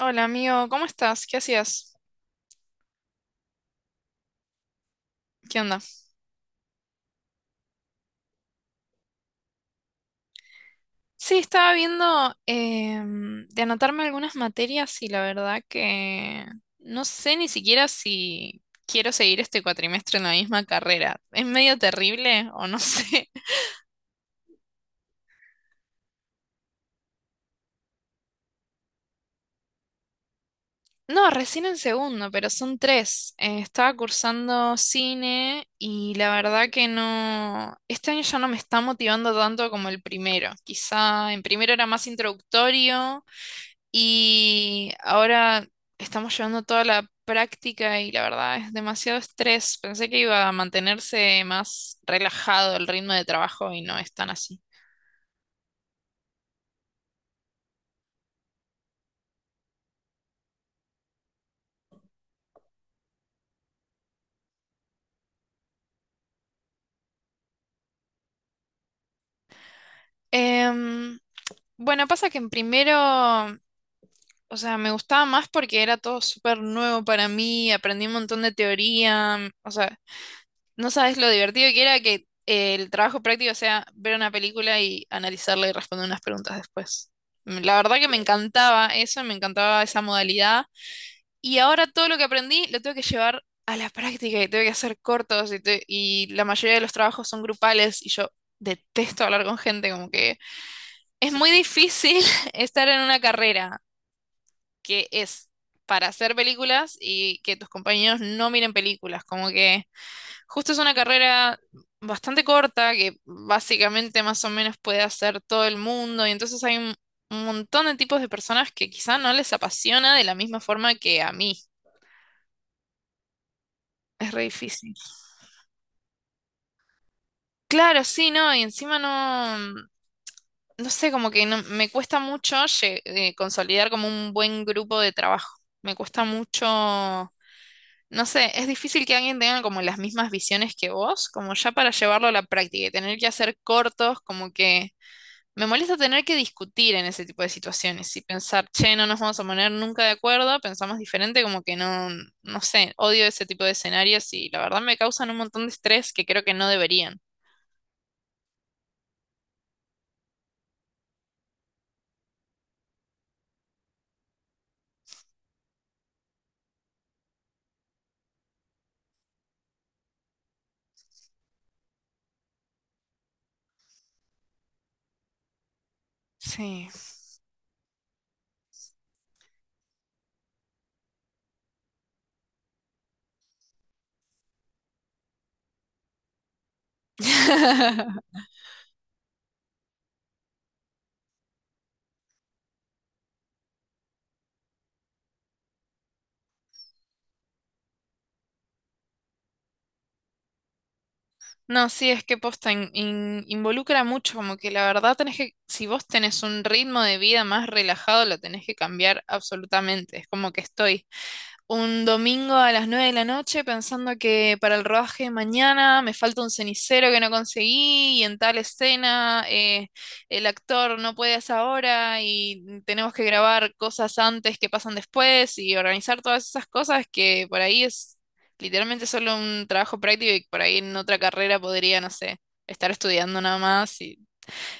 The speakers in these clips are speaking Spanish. Hola amigo, ¿cómo estás? ¿Qué hacías? ¿Qué onda? Sí, estaba viendo de anotarme algunas materias y la verdad que no sé ni siquiera si quiero seguir este cuatrimestre en la misma carrera. Es medio terrible o no sé. No, recién en segundo, pero son tres. Estaba cursando cine y la verdad que no, este año ya no me está motivando tanto como el primero. Quizá en primero era más introductorio. Y ahora estamos llevando toda la práctica y la verdad es demasiado estrés. Pensé que iba a mantenerse más relajado el ritmo de trabajo y no es tan así. Em, bueno, pasa que en primero, o sea, me gustaba más porque era todo súper nuevo para mí, aprendí un montón de teoría. O sea, no sabes lo divertido que era que el trabajo práctico sea ver una película y analizarla y responder unas preguntas después. La verdad que me, claro, encantaba eso, me encantaba esa modalidad. Y ahora todo lo que aprendí lo tengo que llevar a la práctica y tengo que hacer cortos y, y la mayoría de los trabajos son grupales y yo detesto hablar con gente, como que es muy difícil estar en una carrera que es para hacer películas y que tus compañeros no miren películas. Como que justo es una carrera bastante corta que básicamente más o menos puede hacer todo el mundo y entonces hay un montón de tipos de personas que quizá no les apasiona de la misma forma que a mí. Es re difícil. Claro, sí, no, y encima no, no sé, como que me cuesta mucho consolidar como un buen grupo de trabajo. Me cuesta mucho. No sé, es difícil que alguien tenga como las mismas visiones que vos, como ya para llevarlo a la práctica y tener que hacer cortos, como que me molesta tener que discutir en ese tipo de situaciones y pensar, che, no nos vamos a poner nunca de acuerdo, pensamos diferente, como que no, no sé, odio ese tipo de escenarios y la verdad me causan un montón de estrés que creo que no deberían. Sí. No, sí, es que posta involucra mucho, como que la verdad tenés que, si vos tenés un ritmo de vida más relajado, lo tenés que cambiar absolutamente. Es como que estoy un domingo a las 9 de la noche pensando que para el rodaje de mañana me falta un cenicero que no conseguí y en tal escena el actor no puede a esa hora y tenemos que grabar cosas antes que pasan después y organizar todas esas cosas que por ahí es literalmente solo un trabajo práctico y por ahí en otra carrera podría, no sé, estar estudiando nada más y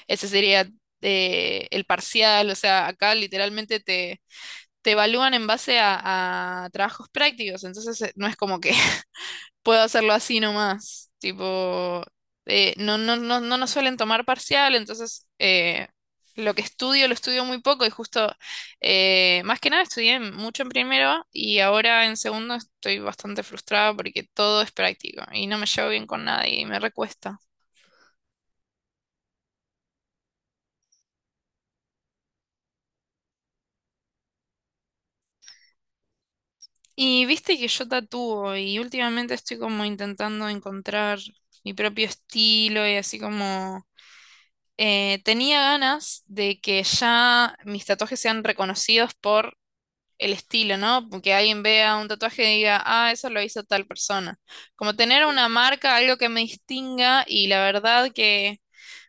ese sería el parcial, o sea, acá literalmente te te evalúan en base a trabajos prácticos, entonces no es como que puedo hacerlo así nomás, tipo, no, no, no, no nos suelen tomar parcial, entonces lo que estudio lo estudio muy poco y justo, más que nada estudié mucho en primero y ahora en segundo estoy bastante frustrada porque todo es práctico y no me llevo bien con nadie y me recuesta. Y viste que yo tatúo y últimamente estoy como intentando encontrar mi propio estilo y así como tenía ganas de que ya mis tatuajes sean reconocidos por el estilo, ¿no? Que alguien vea un tatuaje y diga, ah, eso lo hizo tal persona. Como tener una marca, algo que me distinga y la verdad que,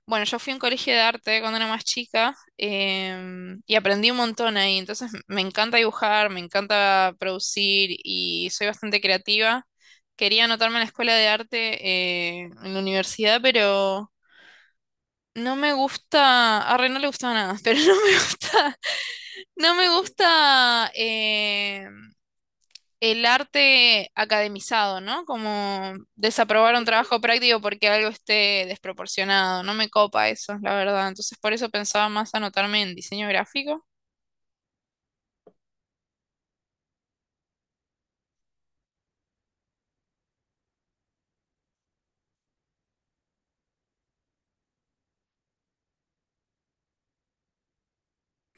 bueno, yo fui a un colegio de arte cuando era más chica y aprendí un montón ahí, entonces me encanta dibujar, me encanta producir y soy bastante creativa. Quería anotarme en la escuela de arte en la universidad, pero... No me gusta, a no le gusta nada, pero no me gusta, no me gusta el arte academizado, ¿no? Como desaprobar un trabajo práctico porque algo esté desproporcionado, no me copa eso, la verdad. Entonces por eso pensaba más anotarme en diseño gráfico.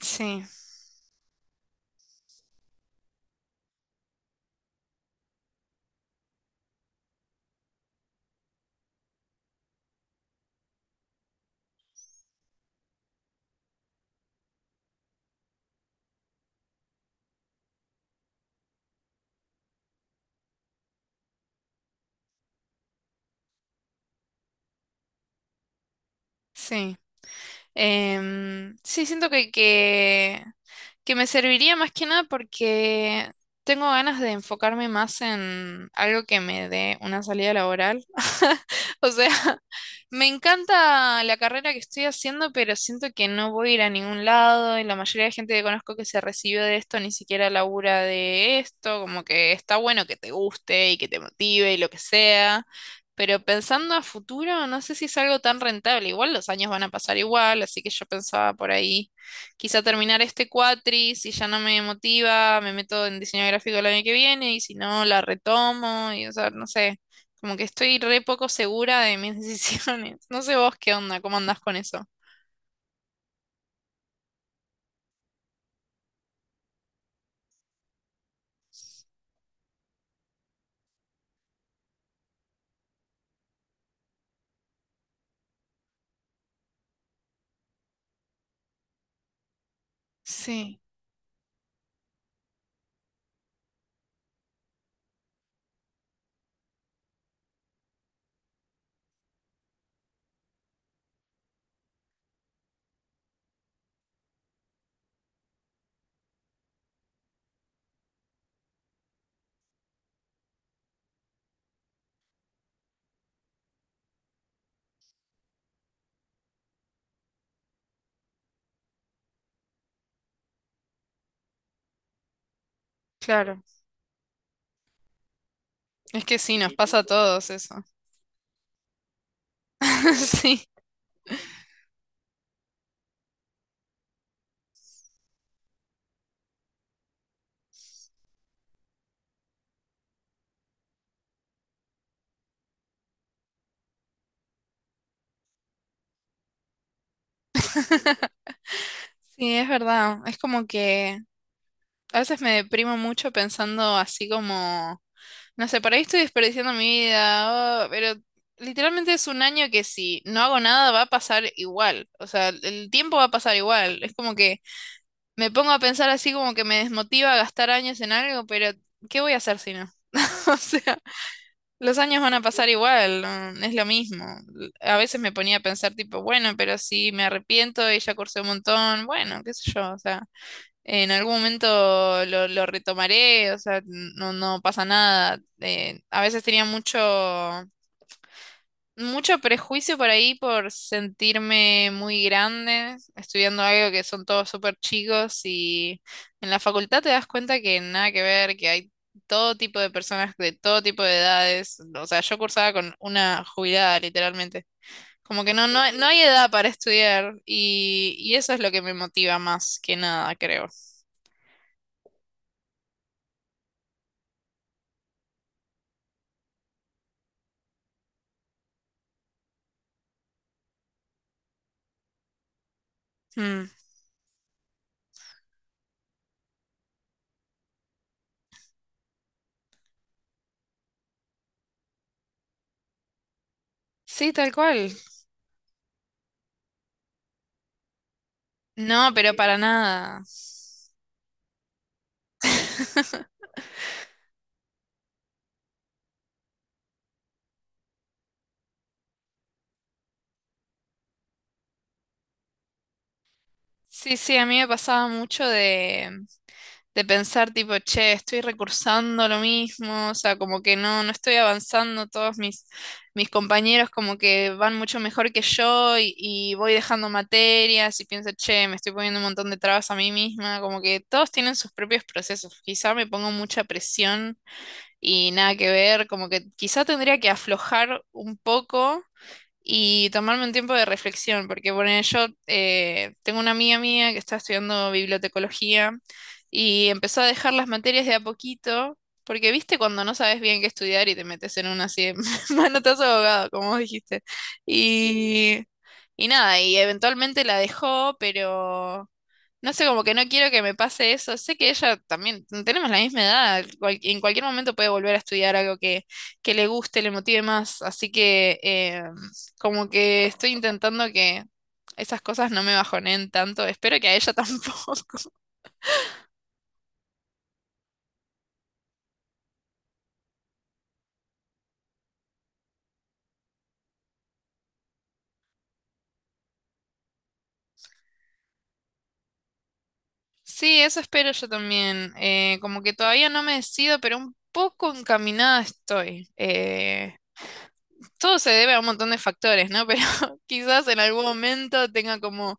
Sí, sí. Sí, siento que me serviría más que nada porque tengo ganas de enfocarme más en algo que me dé una salida laboral. O sea, me encanta la carrera que estoy haciendo, pero siento que no voy a ir a ningún lado y la mayoría de gente que conozco que se recibió de esto ni siquiera labura de esto, como que está bueno que te guste y que te motive y lo que sea. Pero pensando a futuro, no sé si es algo tan rentable. Igual los años van a pasar igual, así que yo pensaba por ahí, quizá terminar este cuatri, si ya no me motiva, me meto en diseño gráfico el año que viene, y si no, la retomo, y o sea, no sé, como que estoy re poco segura de mis decisiones. No sé vos qué onda, cómo andás con eso. Sí, claro. Es que sí, nos, sí, pasa a todos eso. Sí, sí, es verdad. Es como que a veces me deprimo mucho pensando así como no sé, por ahí estoy desperdiciando mi vida, oh, pero literalmente es un año que si no hago nada va a pasar igual. O sea, el tiempo va a pasar igual. Es como que me pongo a pensar así como que me desmotiva a gastar años en algo, pero ¿qué voy a hacer si no? O sea, los años van a pasar igual, no, es lo mismo. L- A veces me ponía a pensar tipo, bueno, pero si me arrepiento y ya cursé un montón, bueno, qué sé yo, o sea. En algún momento lo retomaré, o sea, no, no pasa nada. A veces tenía mucho, mucho prejuicio por ahí por sentirme muy grande, estudiando algo que son todos súper chicos y en la facultad te das cuenta que nada que ver, que hay todo tipo de personas de todo tipo de edades. O sea, yo cursaba con una jubilada, literalmente. Como que no, no, no hay edad para estudiar y eso es lo que me motiva más que nada, creo. Mm. Sí, tal cual. No, pero para nada. Sí, sí, a mí me pasaba mucho de, pensar tipo, che, estoy recursando lo mismo, o sea, como que no, no estoy avanzando, todos mis, compañeros como que van mucho mejor que yo y voy dejando materias y pienso, che, me estoy poniendo un montón de trabas a mí misma, como que todos tienen sus propios procesos, quizá me pongo mucha presión y nada que ver, como que quizá tendría que aflojar un poco y tomarme un tiempo de reflexión, porque bueno, yo tengo una amiga mía que está estudiando bibliotecología y empezó a dejar las materias de a poquito, porque viste cuando no sabes bien qué estudiar y te metes en una así de manotazo de abogado, como vos dijiste. Y, y nada, y eventualmente la dejó, pero no sé, como que no quiero que me pase eso. Sé que ella también, tenemos la misma edad, en cualquier momento puede volver a estudiar algo que, le guste, le motive más. Así que como que estoy intentando que esas cosas no me bajoneen tanto. Espero que a ella tampoco. Sí, eso espero yo también. Como que todavía no me decido, pero un poco encaminada estoy. Todo se debe a un montón de factores, ¿no? Pero quizás en algún momento tenga como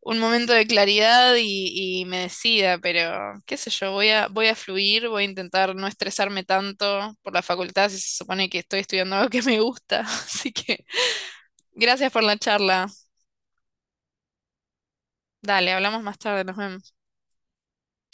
un momento de claridad y, me decida, pero qué sé yo, voy a fluir, voy a intentar no estresarme tanto por la facultad si se supone que estoy estudiando algo que me gusta. Así que gracias por la charla. Dale, hablamos más tarde, nos vemos.